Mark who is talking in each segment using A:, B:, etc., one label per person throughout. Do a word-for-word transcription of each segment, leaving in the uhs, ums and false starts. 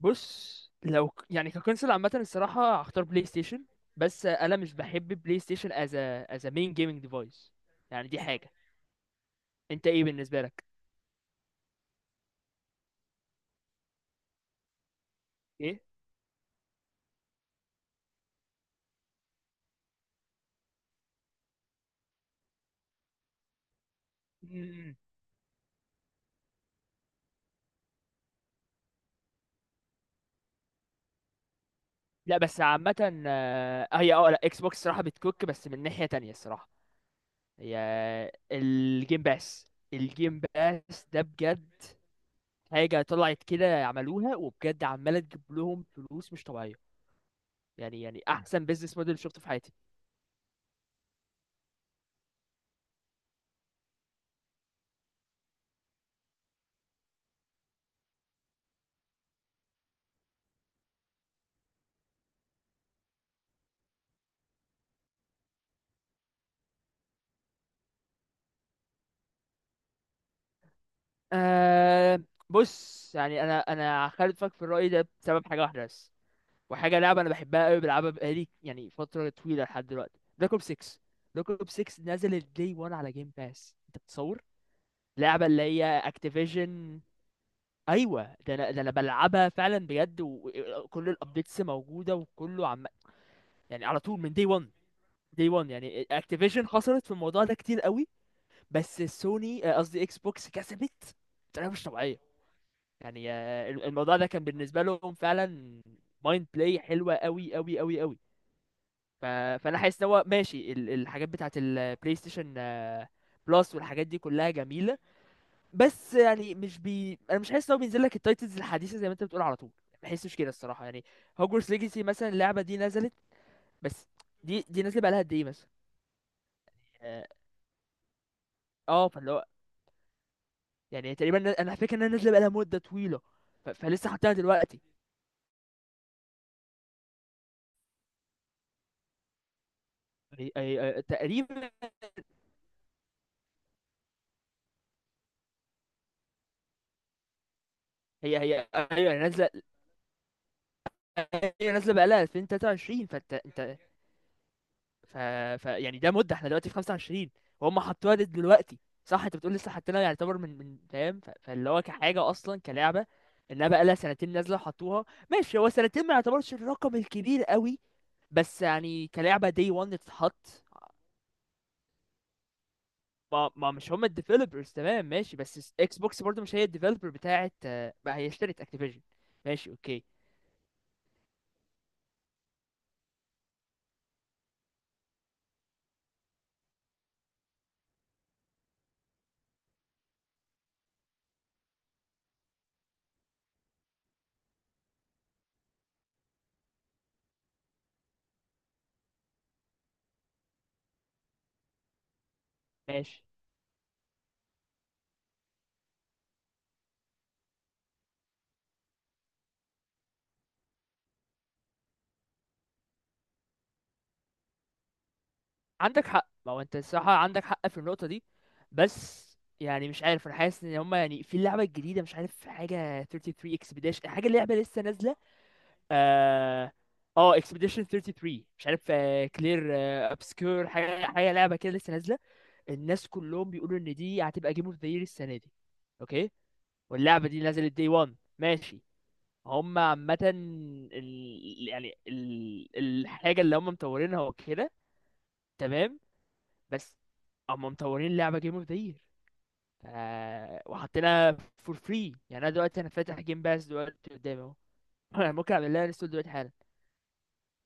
A: بص، لو ك- يعني ككونسول عامة الصراحة هختار بلاي ستيشن. بس أنا مش بحب بلاي ستيشن as a as a main gaming device. يعني دي حاجة. أنت إيه بالنسبة لك؟ إيه؟ مم. لا بس عامة آه، هي أه لا، إكس بوكس الصراحة بتكوك، بس من ناحية تانية الصراحة هي الجيم باس. الجيم باس ده بجد حاجة طلعت كده، عملوها وبجد عمالة تجيب لهم فلوس مش طبيعية. يعني يعني أحسن بيزنس موديل شفته في حياتي. أه، بص يعني انا انا خالفك في الرأي ده بسبب حاجة واحدة بس، وحاجة لعبة انا بحبها قوي، بلعبها بقالي يعني فترة طويلة لحد دلوقتي، بلاك اوب ستة. بلاك اوب ستة نزل الدي واحد على جيم باس، انت بتصور؟ لعبة اللي هي اكتيفيجن. ايوه، ده انا ده انا بلعبها فعلا بجد، وكل الابديتس موجودة وكله عم، يعني على طول من دي واحد. دي واحد يعني اكتيفيجن خسرت في الموضوع ده كتير قوي، بس سوني آه، قصدي اكس بوكس كسبت بطريقة مش طبيعية. يعني آه، الموضوع ده كان بالنسبه لهم فعلا مايند بلاي حلوه، قوي قوي قوي قوي. ف... فانا حاسس ان هو ماشي، ال- الحاجات بتاعه البلاي ستيشن آه، بلس والحاجات دي كلها جميله. بس يعني مش بي انا مش حاسس ان هو بينزل لك التايتلز الحديثه زي ما انت بتقول على طول، ما بحسش كده الصراحه يعني. هوجورتس ليجاسي مثلا، اللعبه دي نزلت بس، دي دي نازله بقالها قد ايه مثلا؟ اه، آه، فاللي هو يعني تقريبا انا فاكر انها نازله بقالها مده طويله. ف... فلسه حاطينها دلوقتي. هي... هي... تقريبا. هي هي أيوة، هي نازله. هي نازله بقالها ألفين وتلاتة وعشرين، فانت انت. ف... ف... يعني ده مده، احنا دلوقتي في خمسة وعشرين وهم حطوها لد دلوقتي. صح؟ انت بتقول لسه حاطينها، يعني يعتبر من من فاهم، ف... فاللي هو كحاجه اصلا كلعبه انها بقالها سنتين نازله وحطوها. ماشي، هو سنتين ما يعتبرش الرقم الكبير قوي، بس يعني كلعبه دي واحد تتحط. ما ما مش هم الديفلوبرز، تمام ماشي، بس اكس بوكس برضه مش هي الديفلوبر بتاعت، آه، بقى هي اشترت اكتيفيجن. ماشي اوكي، ماشي. عندك حق، ما هو انت الصراحة عندك حق في النقطة دي. بس يعني مش عارف، انا حاسس ان هما يعني في اللعبة الجديدة، مش عارف، حاجة تلاتة وتلاتين اكسبيديشن، حاجة اللعبة لسه نازلة. اه، اه اكسبيديشن تلاتة وتلاتين، مش عارف. كلير ابسكور، حاجة حاجة لعبة كده لسه نازلة. الناس كلهم بيقولوا ان دي هتبقى جيم اوف ذا يير السنة دي. اوكي. واللعبة دي نزلت دي واحد ماشي، هم عامة ال... يعني ال... الحاجة اللي هم مطورينها وكده، تمام. بس اما مطورين اللعبه جيم اوف ذا يير، ف... وحاطينها فور فري. يعني انا دلوقتي انا فاتح جيم باس دلوقتي قدامي اهو. انا ممكن اعمل لها انستول دلوقتي حالا،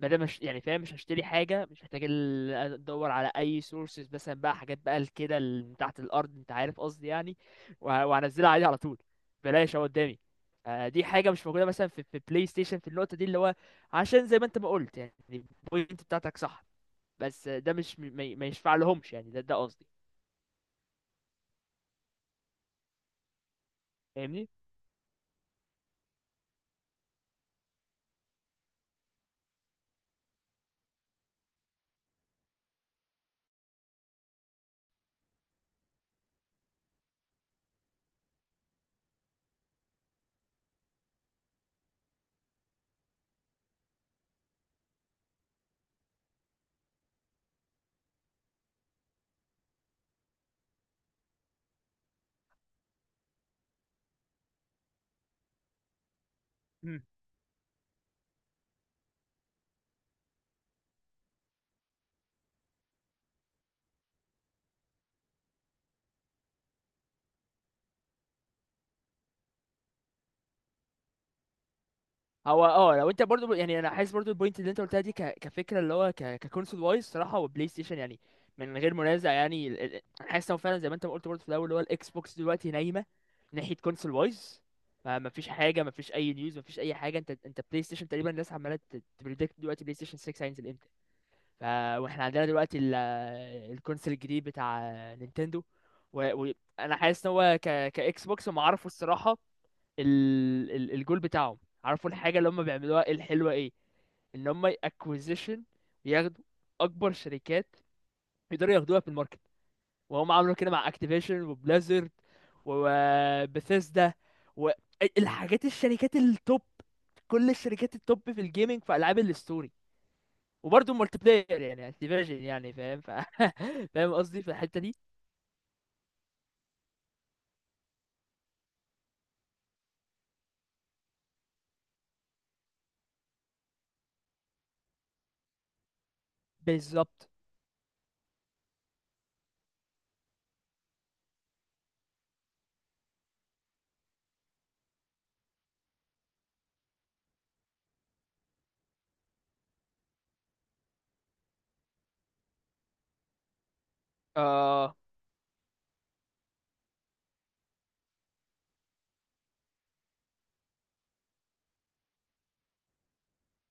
A: ما دام مش يعني فاهم مش هشتري حاجه، مش محتاج ال- ادور على اي سورسز مثلا بقى، حاجات بقى ال- كده ال- من تحت الارض، انت عارف قصدي يعني. وه- وهنزلها عادي على طول، بلاش اهو قدامي. آه، دي حاجه مش موجوده مثلا في في بلاي ستيشن، في النقطه دي اللي هو. عشان زي ما انت ما قلت يعني البوينت بتاعتك صح، بس آه، ده مش م- ما ما يشفع لهمش، يعني ده ده قصدي، فاهمني. هو اه لو انت برضو يعني، انا حاسس برضو البوينت اللي انت قلتها دي ك... كفكره اللي هو ك... ككونسول وايز صراحه، وبلاي ستيشن يعني من غير منازع. يعني ال... ال... انا حاسس هو فعلا زي ما انت ما قلت برضو في الاول، اللي هو الاكس بوكس دلوقتي نايمه ناحيه كونسول وايز. ما ما فيش حاجه، ما فيش اي نيوز، ما فيش اي حاجه. انت انت بلاي ستيشن تقريبا الناس عماله تبريدكت دلوقتي بلاي ستيشن ستة هينزل امتى. ف، واحنا عندنا دلوقتي ال... الكونسول الجديد بتاع نينتندو. وانا و... و- أنا حاسس ان هو ك... كاكس بوكس، هم عرفوا الصراحه ال... ال... الجول بتاعهم، عارفوا الحاجة اللي هم بيعملوها إيه الحلوة. ايه؟ ان هم اكوزيشن، ياخدوا اكبر شركات يقدروا ياخدوها في الماركت. وهم عملوا كده مع اكتيفيشن وبليزرد وبثيسدا، والحاجات الشركات التوب، كل الشركات التوب في الجيمنج، في العاب الستوري وبرضه مالتي بلاير، يعني اكتيفيشن يعني فاهم. ف... فاهم قصدي في الحتة دي. بالظبط. آه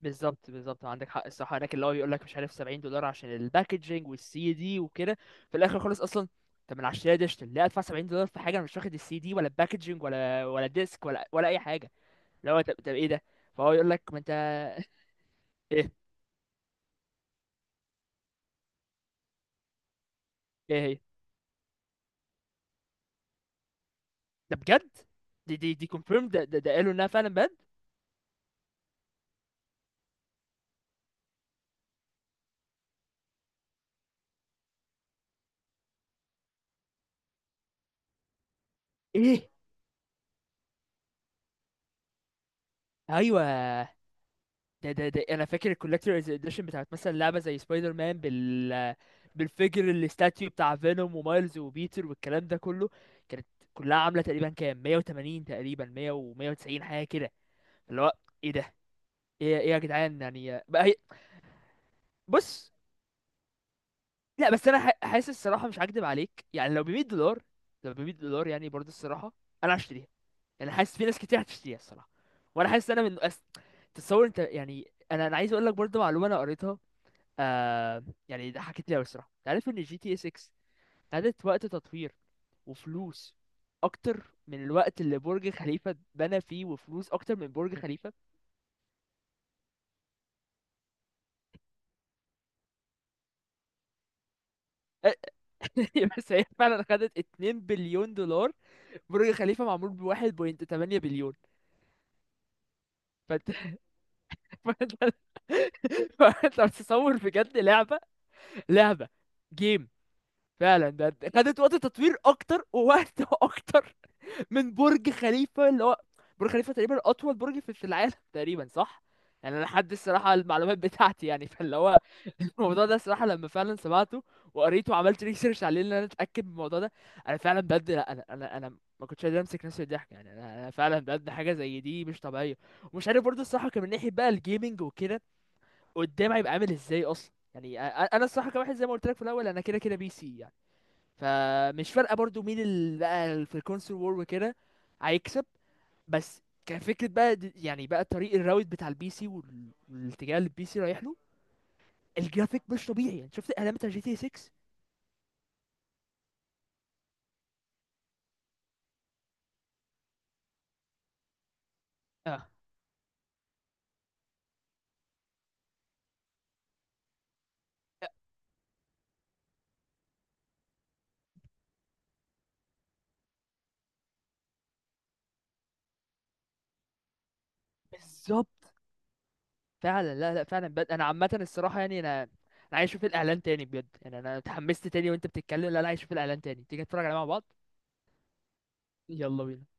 A: بالظبط، بالظبط عندك حق الصراحه. هناك اللي هو بيقول لك، مش عارف، سبعين دولار عشان الباكجينج والسي دي وكده، في الاخر خالص اصلا. طب ما انا عشان دي اشتري، لا ادفع سبعين دولار في حاجه انا مش واخد السي دي ولا الباكجينج ولا ولا الديسك ولا ولا اي حاجه. اللي هو طب، طب ايه ده؟ فهو يقول لك ما انت، ايه؟ ايه هي؟ ده بجد؟ دي دي دي كونفيرم؟ ده ده, ده قالوا انها فعلا بجد؟ ايه؟ ايوه، ده ده ده انا فاكر الكولكتورز اديشن بتاعت مثلا لعبه زي سبايدر مان، بال، بالفيجر الاستاتيو بتاع فينوم ومايلز وبيتر والكلام ده كله، كانت كلها عامله تقريبا كام، مية وتمانين تقريبا، مية و190 حاجه كده. اللي هو ايه ده؟ ايه ايه يا جدعان يعني بقى هي. بص، لا بس انا ح- حاسس الصراحه مش هكدب عليك، يعني لو ب مية دولار، لو ب مية دولار يعني برضه الصراحه انا هشتريها. يعني حاسس في ناس كتير هتشتريها الصراحه. وانا حاسس انا من أس... تتصور انت؟ يعني انا انا عايز اقول لك برضه معلومه انا قريتها. آه، يعني ده حكيت لي أوي الصراحة، أنت عارف إن جي تي اس ستة خدت وقت تطوير وفلوس أكتر من الوقت اللي برج خليفة اتبنى فيه، وفلوس أكتر من برج خليفة. بس هي فعلا خدت اتنين بليون دولار. برج خليفة معمول ب واحد فاصلة تمانية بليون. فأنت، فأنت، فأنت بتصور بجد لعبة، لعبة، جيم، فعلا ده خدت وقت تطوير أكتر ووقت أكتر من برج خليفة، اللي هو برج خليفة تقريبا أطول برج في في العالم تقريبا، صح؟ يعني أنا لحد الصراحة المعلومات بتاعتي يعني، فاللي هو الموضوع ده الصراحة لما فعلا سمعته وقريته وعملت ريسيرش عليه إن أنا أتأكد من الموضوع ده، أنا فعلا بجد لا أنا، أنا أنا ما كنتش قادر أمسك نفسي من الضحك. يعني أنا أنا فعلا بجد حاجة زي دي مش طبيعية. ومش عارف برضه الصراحة كان من ناحية بقى الجيمنج وكده قدام هيبقى عامل إزاي أصلا. يعني أ- أ- أنا الصراحة كواحد زي ما قلت لك في الأول، أنا كده كده بي سي يعني، فمش فارقة برضه مين اللي بقى في الكونسول وور وكده هيكسب. بس كفكرة بقى د- يعني بقى طريق الراوت بتاع البي سي، وال- والاتجاه اللي البي سي رايح له، الجرافيك مش طبيعي. يعني شفت الاعلان بتاع جي تي ستة؟ اه، بالظبط، فعلا، لا لا فعلا بجد انا عامة الصراحة يعني انا انا عايز اشوف الاعلان تاني بجد. يعني انا اتحمست تاني وانت بتتكلم، لا لا عايز اشوف الاعلان تاني، تيجي نتفرج عليه مع بعض. يلا بينا.